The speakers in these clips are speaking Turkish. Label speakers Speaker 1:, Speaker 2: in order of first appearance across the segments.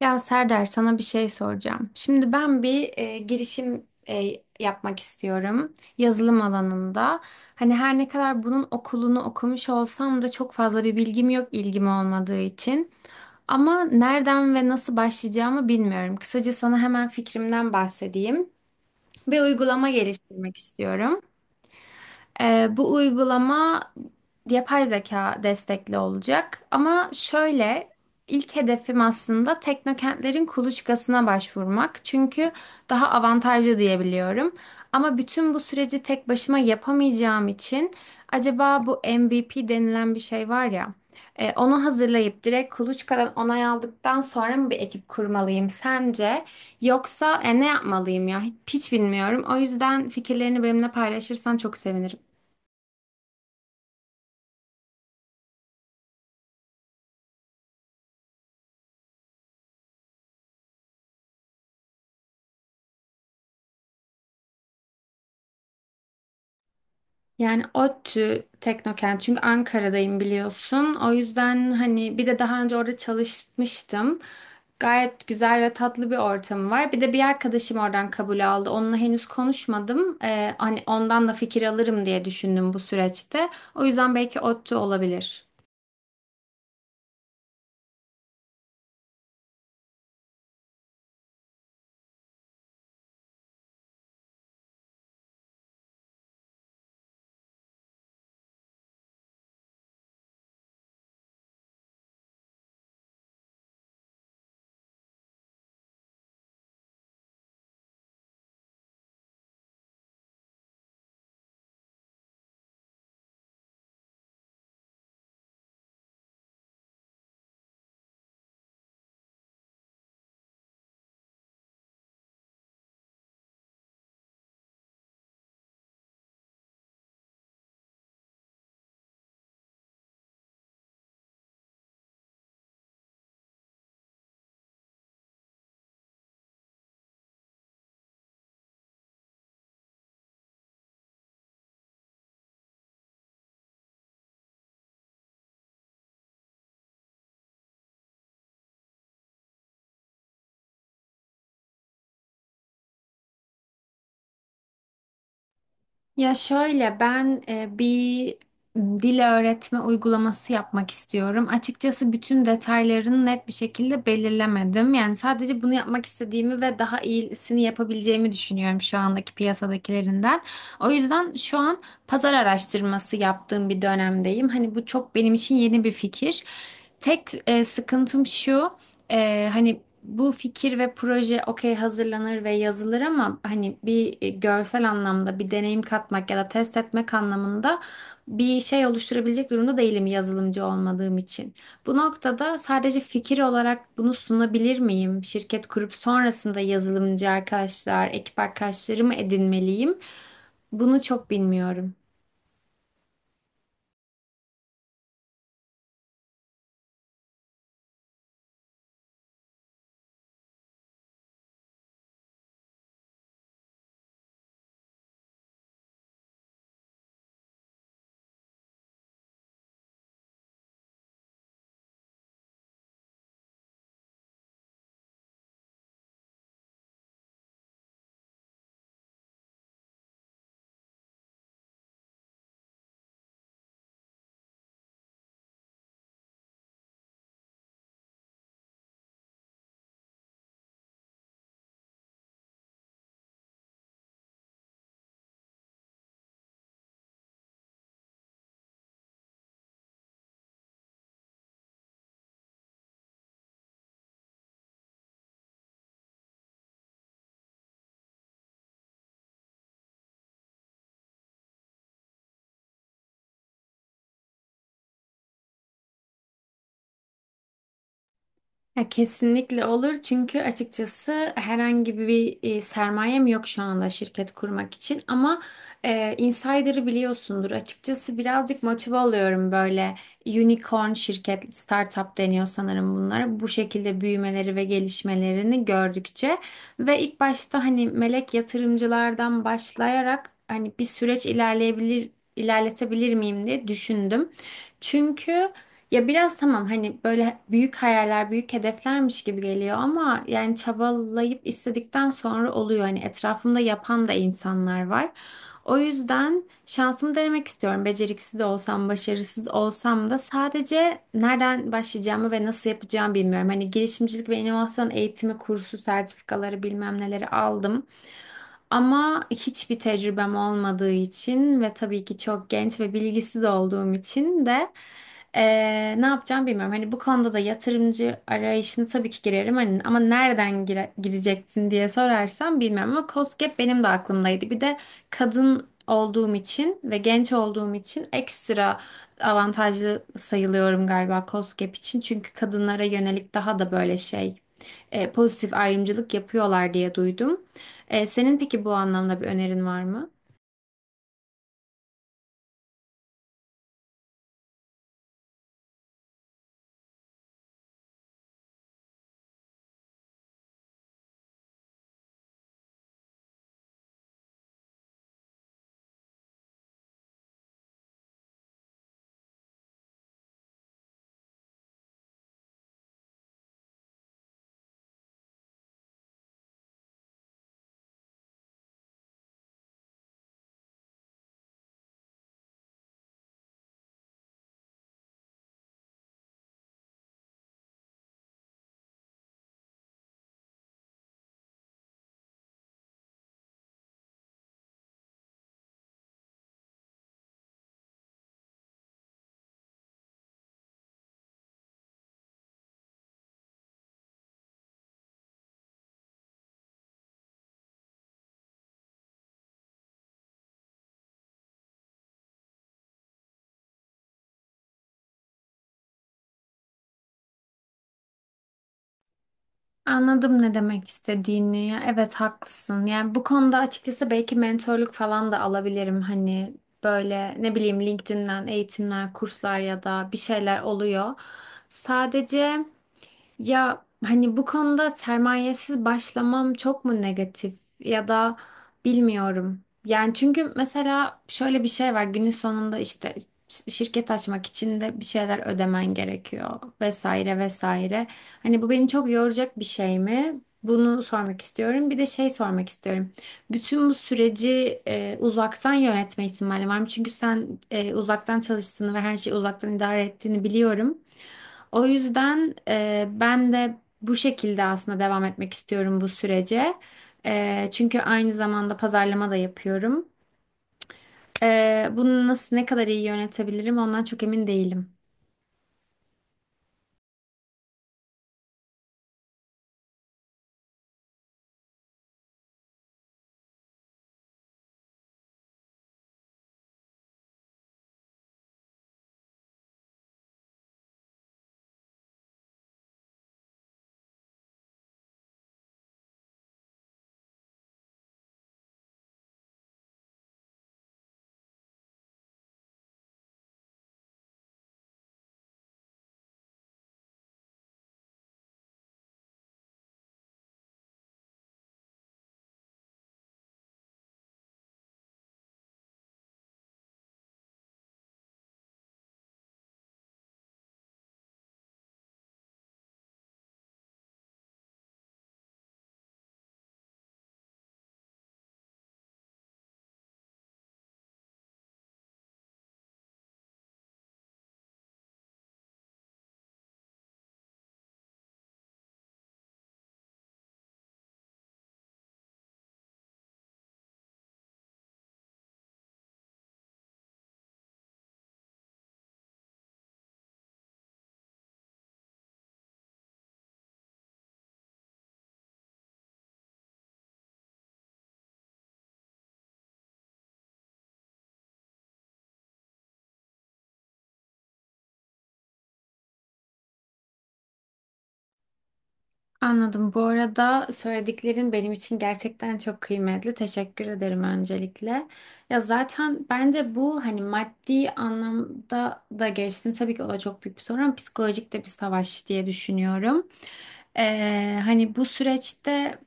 Speaker 1: Ya Serdar sana bir şey soracağım. Şimdi ben bir girişim yapmak istiyorum yazılım alanında. Hani her ne kadar bunun okulunu okumuş olsam da çok fazla bir bilgim yok ilgim olmadığı için. Ama nereden ve nasıl başlayacağımı bilmiyorum. Kısaca sana hemen fikrimden bahsedeyim. Bir uygulama geliştirmek istiyorum. Bu uygulama yapay zeka destekli olacak. Ama şöyle ilk hedefim aslında teknokentlerin kuluçkasına başvurmak. Çünkü daha avantajlı diyebiliyorum. Ama bütün bu süreci tek başıma yapamayacağım için acaba bu MVP denilen bir şey var ya, onu hazırlayıp direkt kuluçkadan onay aldıktan sonra mı bir ekip kurmalıyım sence? Yoksa ne yapmalıyım ya? Hiç bilmiyorum. O yüzden fikirlerini benimle paylaşırsan çok sevinirim. Yani ODTÜ Teknokent, çünkü Ankara'dayım biliyorsun. O yüzden hani bir de daha önce orada çalışmıştım. Gayet güzel ve tatlı bir ortamı var. Bir de bir arkadaşım oradan kabul aldı. Onunla henüz konuşmadım. Hani ondan da fikir alırım diye düşündüm bu süreçte. O yüzden belki ODTÜ olabilir. Ya şöyle ben bir dil öğretme uygulaması yapmak istiyorum. Açıkçası bütün detaylarını net bir şekilde belirlemedim. Yani sadece bunu yapmak istediğimi ve daha iyisini yapabileceğimi düşünüyorum şu andaki piyasadakilerinden. O yüzden şu an pazar araştırması yaptığım bir dönemdeyim. Hani bu çok benim için yeni bir fikir. Tek sıkıntım şu. Hani bu fikir ve proje okey hazırlanır ve yazılır, ama hani bir görsel anlamda bir deneyim katmak ya da test etmek anlamında bir şey oluşturabilecek durumda değilim yazılımcı olmadığım için. Bu noktada sadece fikir olarak bunu sunabilir miyim? Şirket kurup sonrasında yazılımcı arkadaşlar, ekip arkadaşlarımı edinmeliyim? Bunu çok bilmiyorum. Ya kesinlikle olur, çünkü açıkçası herhangi bir sermayem yok şu anda şirket kurmak için, ama insider'ı biliyorsundur açıkçası, birazcık motive oluyorum böyle unicorn şirket startup deniyor sanırım bunlara, bu şekilde büyümeleri ve gelişmelerini gördükçe ve ilk başta hani melek yatırımcılardan başlayarak hani bir süreç ilerleyebilir ilerletebilir miyim diye düşündüm. Çünkü ya biraz tamam hani böyle büyük hayaller, büyük hedeflermiş gibi geliyor, ama yani çabalayıp istedikten sonra oluyor. Hani etrafımda yapan da insanlar var. O yüzden şansımı denemek istiyorum. Beceriksiz de olsam, başarısız olsam da sadece nereden başlayacağımı ve nasıl yapacağımı bilmiyorum. Hani girişimcilik ve inovasyon eğitimi kursu, sertifikaları bilmem neleri aldım. Ama hiçbir tecrübem olmadığı için ve tabii ki çok genç ve bilgisiz olduğum için de ne yapacağım bilmiyorum. Hani bu konuda da yatırımcı arayışını tabii ki girerim. Hani, ama nereden gireceksin diye sorarsam bilmiyorum. Ama KOSGEB benim de aklımdaydı. Bir de kadın olduğum için ve genç olduğum için ekstra avantajlı sayılıyorum galiba KOSGEB için. Çünkü kadınlara yönelik daha da böyle şey pozitif ayrımcılık yapıyorlar diye duydum. E, senin peki bu anlamda bir önerin var mı? Anladım ne demek istediğini. Ya evet, haklısın. Yani bu konuda açıkçası belki mentorluk falan da alabilirim. Hani böyle ne bileyim LinkedIn'den eğitimler, kurslar ya da bir şeyler oluyor. Sadece ya hani bu konuda sermayesiz başlamam çok mu negatif ya da bilmiyorum. Yani çünkü mesela şöyle bir şey var, günün sonunda işte şirket açmak için de bir şeyler ödemen gerekiyor vesaire vesaire. Hani bu beni çok yoracak bir şey mi? Bunu sormak istiyorum. Bir de şey sormak istiyorum. Bütün bu süreci uzaktan yönetme ihtimali var mı? Çünkü sen uzaktan çalıştığını ve her şeyi uzaktan idare ettiğini biliyorum. O yüzden ben de bu şekilde aslında devam etmek istiyorum bu sürece. E, çünkü aynı zamanda pazarlama da yapıyorum. E, bunu nasıl ne kadar iyi yönetebilirim ondan çok emin değilim. Anladım. Bu arada söylediklerin benim için gerçekten çok kıymetli. Teşekkür ederim öncelikle. Ya zaten bence bu hani maddi anlamda da geçtim. Tabii ki o da çok büyük bir sorun, ama psikolojik de bir savaş diye düşünüyorum. Hani bu süreçte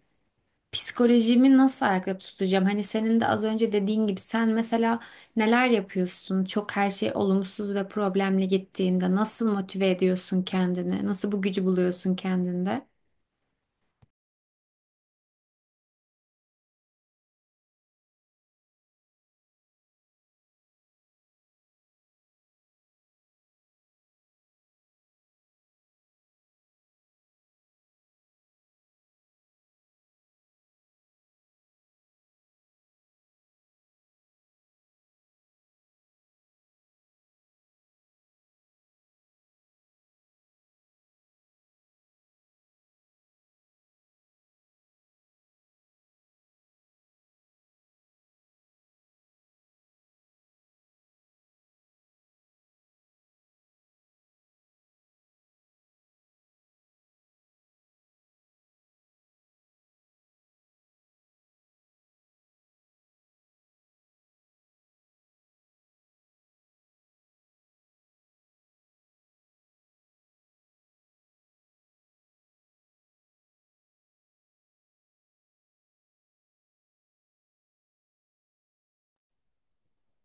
Speaker 1: psikolojimi nasıl ayakta tutacağım? Hani senin de az önce dediğin gibi sen mesela neler yapıyorsun? Çok her şey olumsuz ve problemli gittiğinde nasıl motive ediyorsun kendini? Nasıl bu gücü buluyorsun kendinde?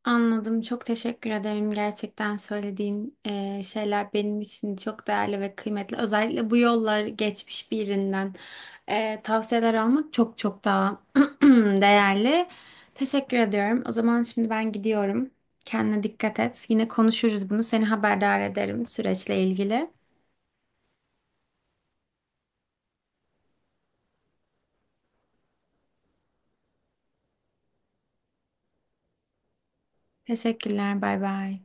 Speaker 1: Anladım. Çok teşekkür ederim. Gerçekten söylediğin şeyler benim için çok değerli ve kıymetli. Özellikle bu yollar geçmiş birinden tavsiyeler almak çok çok daha değerli. Teşekkür ediyorum. O zaman şimdi ben gidiyorum. Kendine dikkat et. Yine konuşuruz bunu. Seni haberdar ederim süreçle ilgili. Teşekkürler. Bay bay.